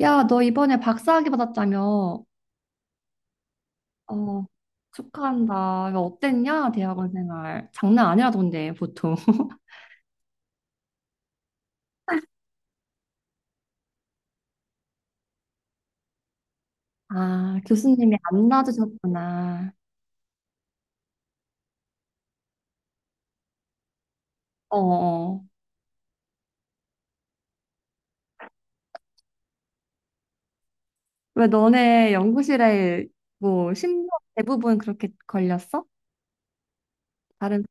야, 너 이번에 박사학위 받았다며? 어, 축하한다. 야, 어땠냐? 대학원 생활. 장난 아니라던데, 보통. 아, 교수님이 안 놔주셨구나. 어, 어. 왜 너네 연구실에 뭐, 심도 대부분 그렇게 걸렸어? 다른,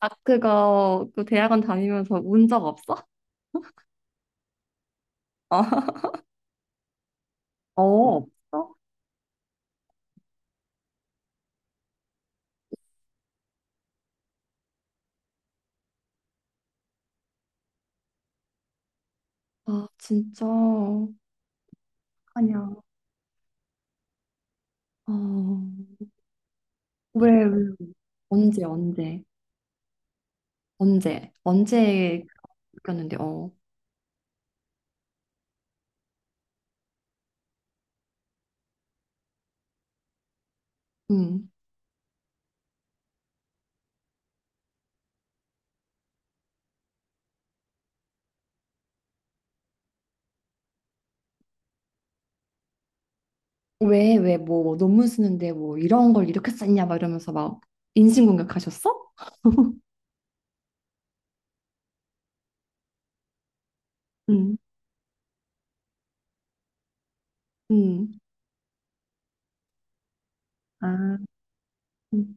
아, 그거, 그 대학원 다니면서 운 적 없어? 어, 어, 없어? 아, 진짜. 아니야. 어, 왜, 언제, 언제 그랬는데 어, 음, 왜, 뭐 논문 쓰는데 뭐 이런 걸 이렇게 썼냐 막 이러면서 막 인신공격하셨어? 음, 음, 아, 음,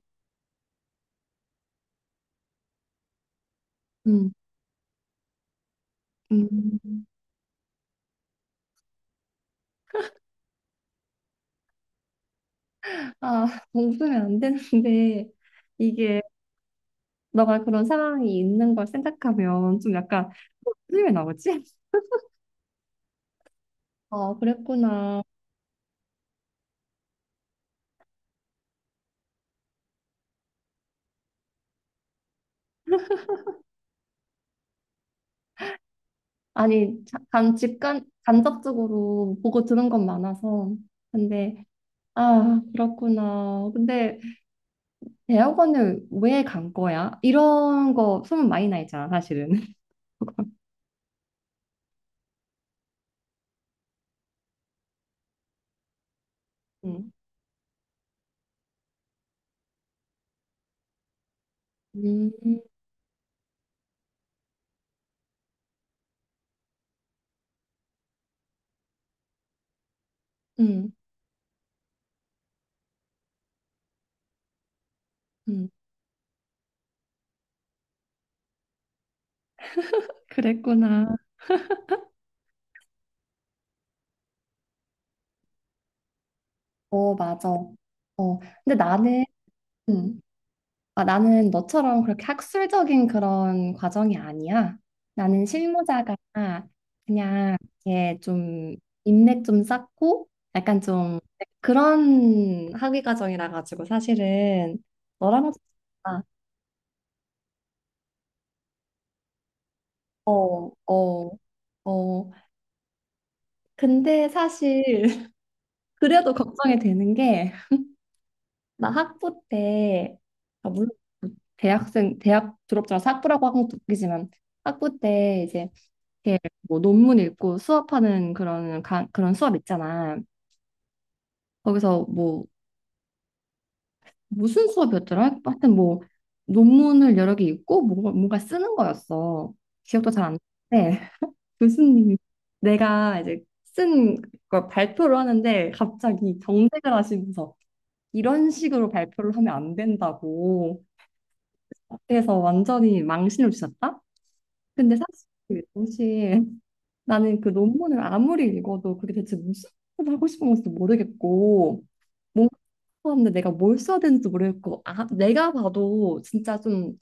음, 음. 아, 웃으면 안 되는데 이게 너가 그런 상황이 있는 걸 생각하면 좀 약간 웃음이 왜 나오지? 아, 그랬구나. 아니, 간접적으로 보고 들은 건 많아서. 근데, 아, 그렇구나. 근데 대학원을 왜 간 거야? 이런 거 소문 많이 나 있잖아, 사실은. 음, 음, 음. 음. 그랬구나. 어, 맞아. 어, 근데 나는, 음. 아, 나는 너처럼 그렇게 학술적인 그런 과정이 아니야. 나는 실무자가 그냥 이렇게 좀 인맥 좀 쌓고 약간 좀 그런 학위 과정이라 가지고 사실은 너랑 아, 어, 어, 어. 근데 사실 그래도 걱정이 되는 게 나 학부 때 아, 물론 대학생 대학 졸업자라서 학부라고 하는 것도 웃기지만 학부 때 이제 이렇게 뭐 논문 읽고 수업하는 그런 수업 있잖아. 거기서 뭐 무슨 수업이었더라? 하여튼 뭐 논문을 여러 개 읽고 뭔가 쓰는 거였어. 기억도 잘 안 나는데 교수님이 내가 이제 쓴 걸 발표를 하는데 갑자기 경색을 하시면서 이런 식으로 발표를 하면 안 된다고 그래서 완전히 망신을 주셨다? 근데 사실 그 당시에 나는 그 논문을 아무리 읽어도 그게 대체 무슨 말을 하고 싶은 건지도 모르겠고 뭔가 하는데 내가 뭘 써야 되는지 모르겠고 아, 내가 봐도 진짜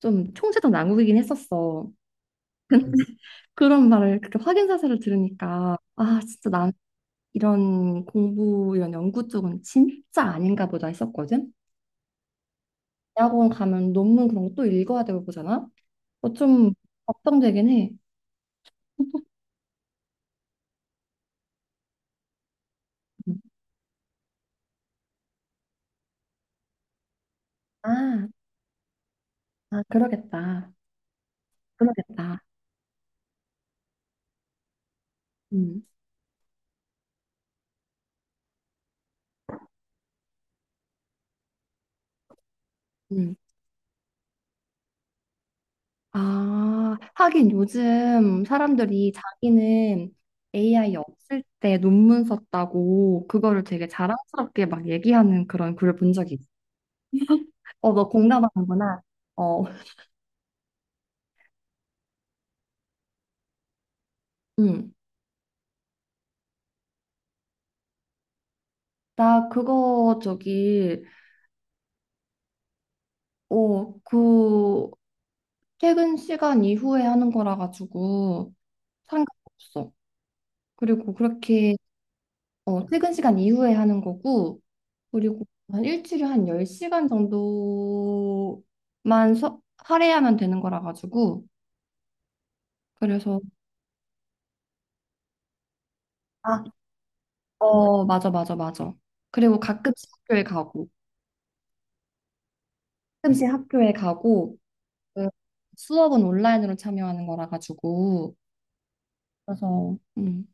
좀 총체적 난국이긴 했었어. 그런 말을 그렇게 확인 사실을 들으니까 아 진짜 난 이런 공부 이런 연구 쪽은 진짜 아닌가 보다 했었거든. 대학원 가면 논문 그런 거 또 읽어야 되고 보잖아. 어, 좀 걱정되긴 해. 음. 아, 아, 그러겠다. 그러겠다. 음, 음. 아, 하긴 요즘 사람들이 자기는 AI 없을 때 논문 썼다고 그거를 되게 자랑스럽게 막 얘기하는 그런 글을 본 적이 있어. 어, 너 공감하는구나. 어, 음. 나 그거 저기, 어, 그 퇴근 시간 이후에 하는 거라 가지고 상관없어. 그리고 그렇게 어, 퇴근 시간 이후에 하는 거고, 그리고 한 일주일에 한 10시간 정도만 할애하면 되는 거라 가지고, 그래서, 아, 어, 맞아, 맞아. 그리고 가끔씩 학교에 가고, 가끔씩 학교에 가고, 그 수업은 온라인으로 참여하는 거라 가지고, 그래서,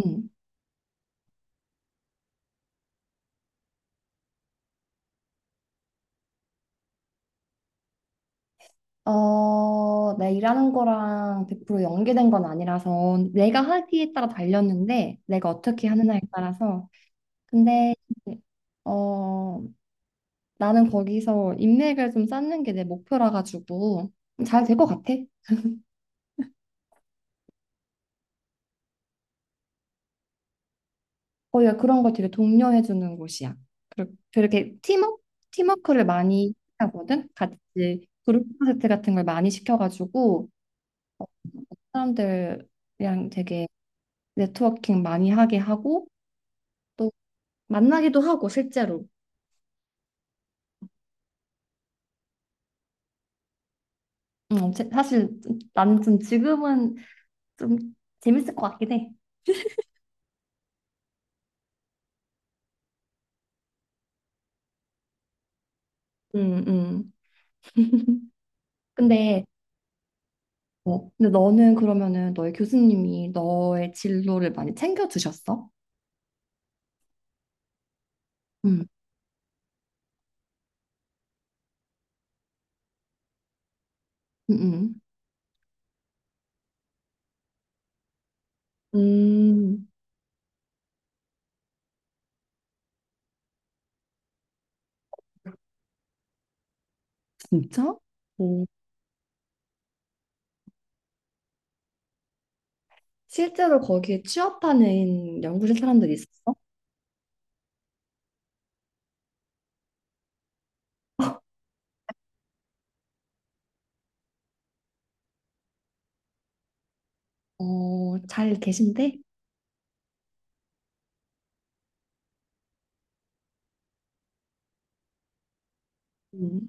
음. 어, 내 일하는 거랑 100% 연계된 건 아니라서, 내가 하기에 따라 달렸는데, 내가 어떻게 하느냐에 따라서, 근데 어 나는 거기서 인맥을 좀 쌓는 게 내 목표라 가지고 잘 될 것 같아. 거기가 그런 걸 되게 독려해 주는 곳이야. 그리고 되게 팀워크를 많이 하거든. 같이 그룹 프로젝트 같은 걸 많이 시켜가지고 사람들이랑 되게 네트워킹 많이 하게 하고 또 만나기도 하고 실제로. 사실 나는 좀 지금은 좀 재밌을 것 같긴 해. 음, 음. 근데 어, 근데 너는 그러면은 너의 교수님이 너의 진로를 많이 챙겨주셨어? 응, 응, 응. 음, 진짜? 오, 실제로 거기에 취업하는 연구실 사람들이 있었어? 어, 잘 계신데? 음,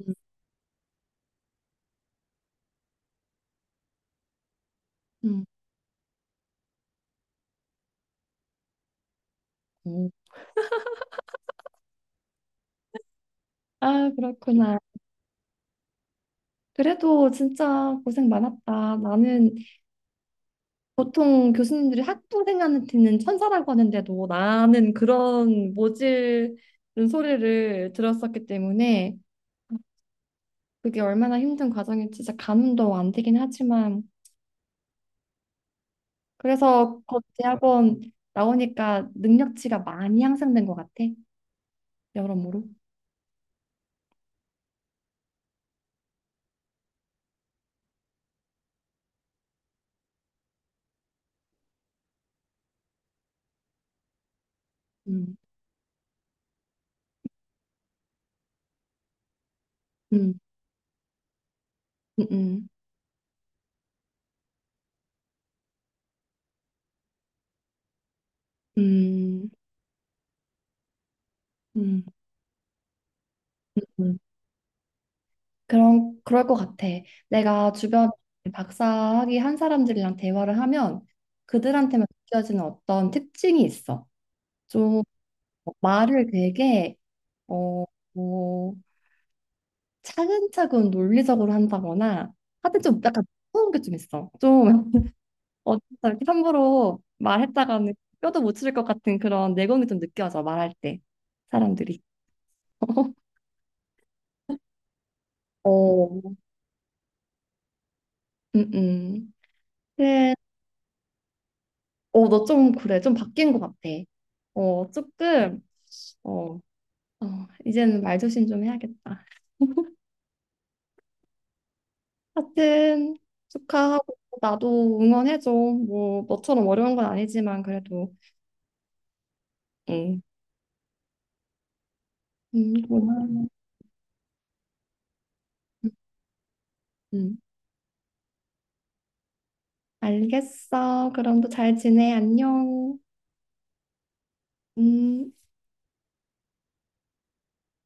음, 음. 오, 아, 그렇구나. 그래도 진짜 고생 많았다. 나는 보통 교수님들이 학부생한테는 천사라고 하는데도 나는 그런 모질은 소리를 들었었기 때문에 그게 얼마나 힘든 과정이 진짜 가늠도 안 되긴 하지만 그래서 곧 대학원 나오니까 능력치가 많이 향상된 것 같아 여러모로 음, 음, 음, 음, 음, 음, 음. 그런 그럴 것 같아 내가 주변 박사학위 한 사람들이랑 대화를 하면 그들한테만 느껴지는 어떤 특징이 있어 좀 뭐 말을 되게 어, 어, 차근차근 논리적으로 한다거나 하여튼 좀 약간 무서운 게 좀 있어. 좀 어쩌다 이렇게 함부로 말했다가는 뼈도 못 치를 것 같은 그런 내공이 좀 느껴져 말할 때 사람들이. 어, 음, 음. 근데 어, 너 좀 그래 좀 바뀐 것 같아. 어, 조금 어, 어, 이제는 말조심 좀 해야겠다. 하여튼 축하하고 나도 응원해줘. 뭐 너처럼 어려운 건 아니지만 그래도 응, 응, 고마워. 응. 알겠어. 그럼 또 잘 지내. 안녕. 음.